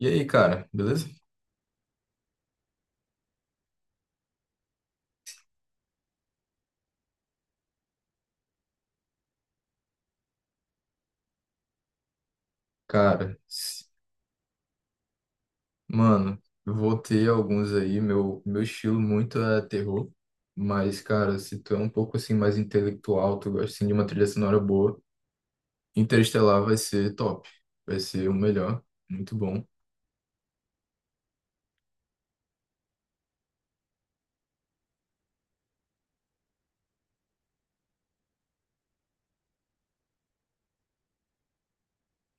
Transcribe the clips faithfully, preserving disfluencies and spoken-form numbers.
E aí, cara, beleza? Cara, s- mano, eu vou ter alguns aí. Meu, meu estilo muito é terror, mas, cara, se tu é um pouco assim mais intelectual, tu gosta assim, de uma trilha sonora boa, Interestelar vai ser top, vai ser o melhor, muito bom.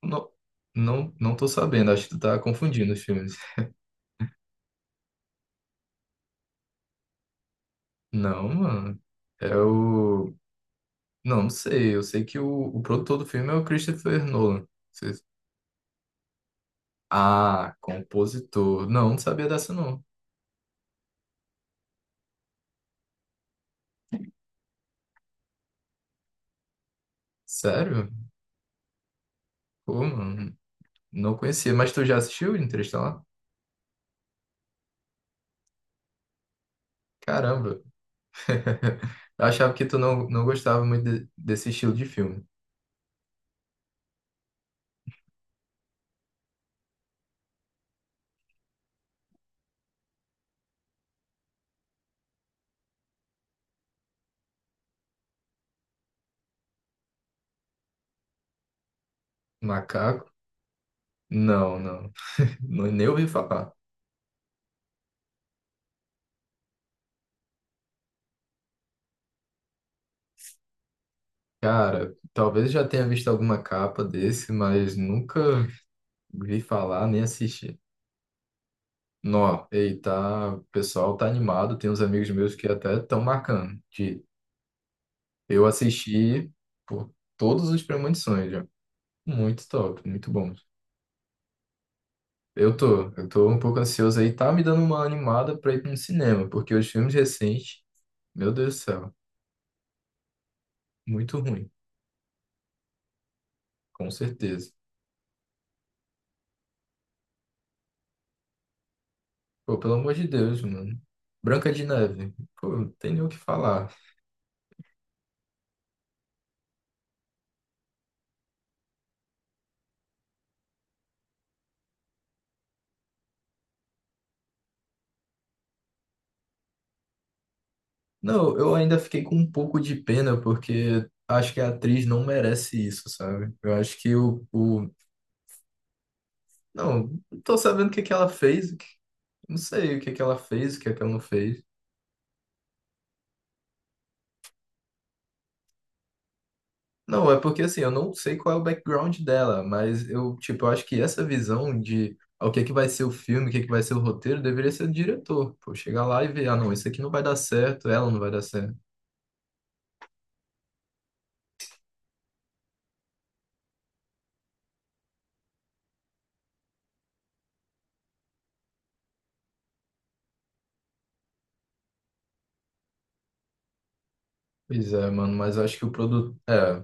Não, não, não tô sabendo, acho que tu tá confundindo os filmes. Não, mano, é o. Não, não sei, eu sei que o, o produtor do filme é o Christopher Nolan. Vocês- Ah, compositor. Não, não sabia dessa, não. Sério? Pô, mano, não conhecia. Mas tu já assistiu Interestelar? Caramba. Eu achava que tu não, não gostava muito de- desse estilo de filme. Macaco? Não, não. Nu- Nem ouvi falar. Cara, talvez já tenha visto alguma capa desse, mas nunca vi falar nem assisti. Nó, ei, tá, o pessoal tá animado. Tem uns amigos meus que até tão marcando. De eu assisti por todos os premonições já. Muito top, muito bom. Eu tô, eu tô um pouco ansioso aí. Tá me dando uma animada pra ir pra um cinema, porque os filmes recentes, meu Deus do céu, muito ruim, com certeza. Pô, pelo amor de Deus, mano. Branca de Neve, pô, não tem nem o que falar. Não, eu ainda fiquei com um pouco de pena, porque acho que a atriz não merece isso, sabe? Eu acho que o, o... Não, não tô sabendo o que que ela fez, o que- não sei o que que ela fez, o que é que ela não fez. Não, é porque assim, eu não sei qual é o background dela, mas eu, tipo, eu acho que essa visão de ah, o que é que vai ser o filme, o que é que vai ser o roteiro, deveria ser do diretor. Pô, chegar lá e ver, ah, não, isso aqui não vai dar certo, ela não vai dar certo. Pois é, mano, mas eu acho que o produto. É,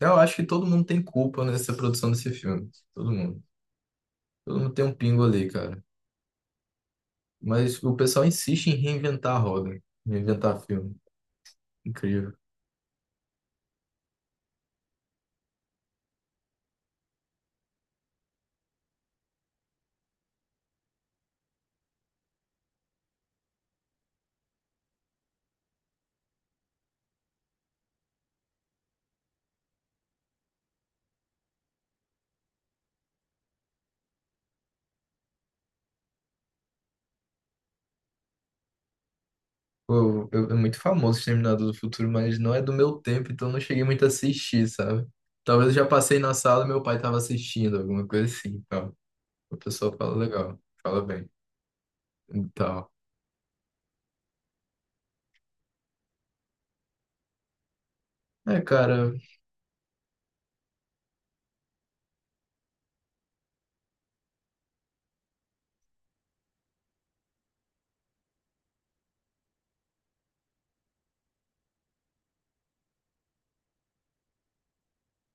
eu acho que todo mundo tem culpa nessa produção desse filme. Todo mundo. Todo mundo tem um pingo ali, cara. Mas o pessoal insiste em reinventar a roda, reinventar filme. Incrível. Pô, eu- é muito famoso Exterminador do Futuro, mas não é do meu tempo, então não cheguei muito a assistir, sabe? Talvez eu já passei na sala e meu pai tava assistindo, alguma coisa assim, tal. O pessoal fala legal, fala bem, e tal. É, cara,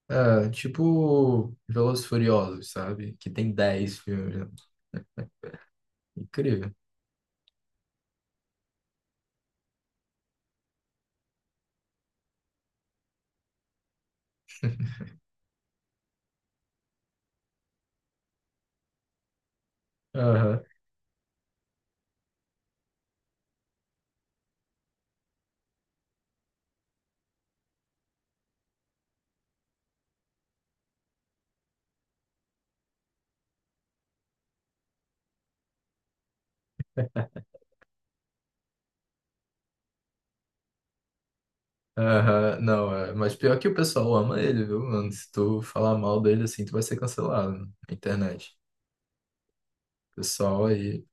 é, tipo Velozes e Furiosos, sabe? Que tem dez filmes, né? Incrível. Aham, aham, não, é. Mas pior que o pessoal ama ele, viu, mano? Se tu falar mal dele assim, tu vai ser cancelado na internet. Pessoal aí.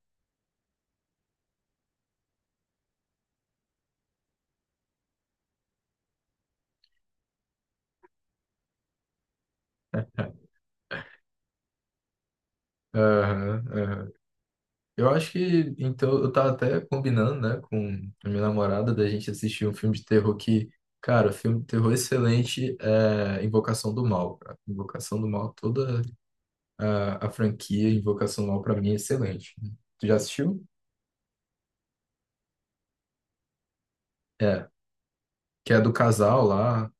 Aham, aham. Eu acho que, então, eu tava até combinando, né, com a minha namorada da gente assistir um filme de terror que, cara, filme de terror excelente é Invocação do Mal, cara. Invocação do Mal, toda a, a franquia Invocação do Mal pra mim é excelente. Tu já assistiu? É, que é do casal lá,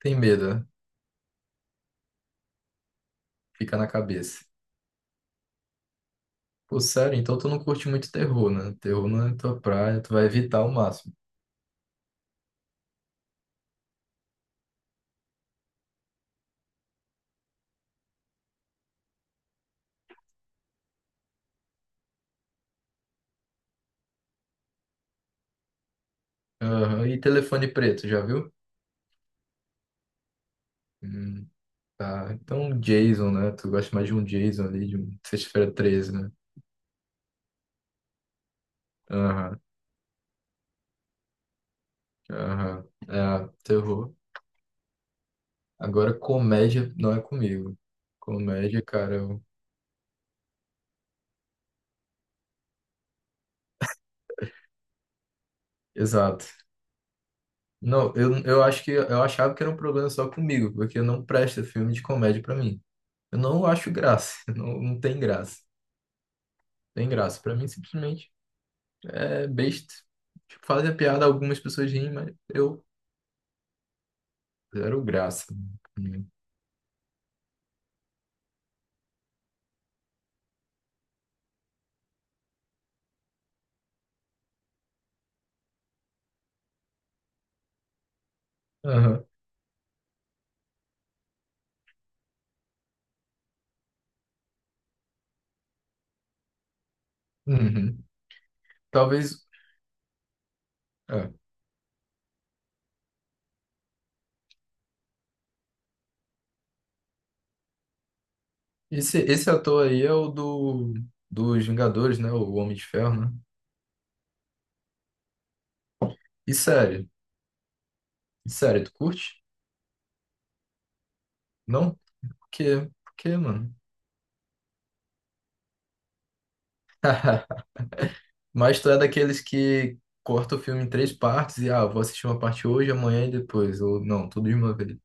tem medo, né? Fica na cabeça. Pô, sério, então tu não curte muito terror, né? Terror não é tua praia, tu vai evitar ao máximo. Aham, e Telefone Preto, já viu? Hum. Tá, então Jason, né? Tu gosta mais de um Jason ali, de um Sexta-feira treze, né? Aham, aham. É, terror. Agora, comédia não é comigo. Comédia, cara, eu... Exato. Não, eu, eu acho que eu achava que era um problema só comigo, porque não presta filme de comédia pra mim. Eu não acho graça, não, não tem graça. Tem graça. Pra mim, simplesmente é besta. Tipo, fazem a piada, algumas pessoas riem, mas eu zero graça. Aham. Uhum. Talvez. É. Esse, esse ator aí é o do, dos Vingadores, né? O Homem de Ferro, né? E sério, e sério, tu curte? Não? Por quê? Por quê, mano? Mas tu é daqueles que corta o filme em três partes e, ah, vou assistir uma parte hoje, amanhã e depois. Ou não, tudo de uma vez.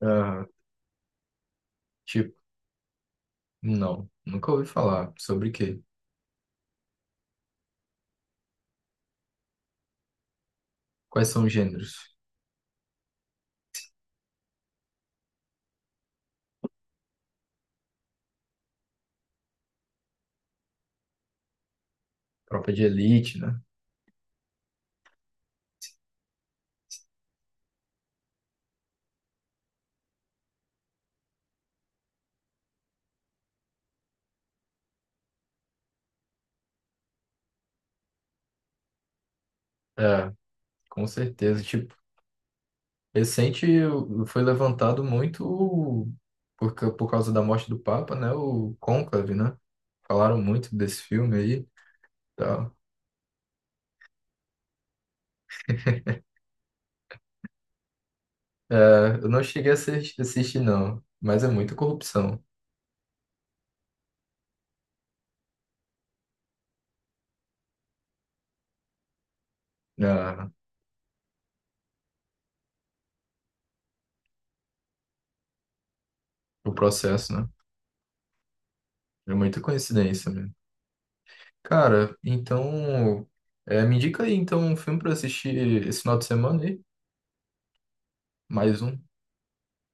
Ah, tipo, não. Nunca ouvi falar. Sobre o quê? Quais são os gêneros? Tropa de Elite, né? É, com certeza. Tipo, recente foi levantado muito por, ca- por causa da morte do Papa, né? O Conclave, né? Falaram muito desse filme aí, e tal. É, eu não cheguei a assistir, assistir não, mas é muita corrupção, né? O processo, né? É muita coincidência mesmo. Cara, então é, me indica aí então um filme para assistir esse final de semana aí, mais um,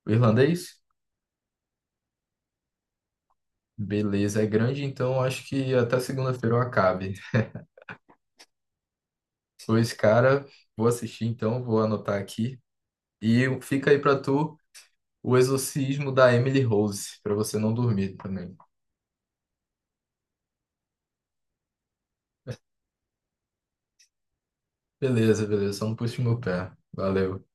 o irlandês. Beleza, é grande, então acho que até segunda-feira eu acabe. Pois, cara, vou assistir então, vou anotar aqui. E fica aí pra tu o exorcismo da Emily Rose, pra você não dormir também. Beleza, beleza, só não puxa o meu pé. Valeu.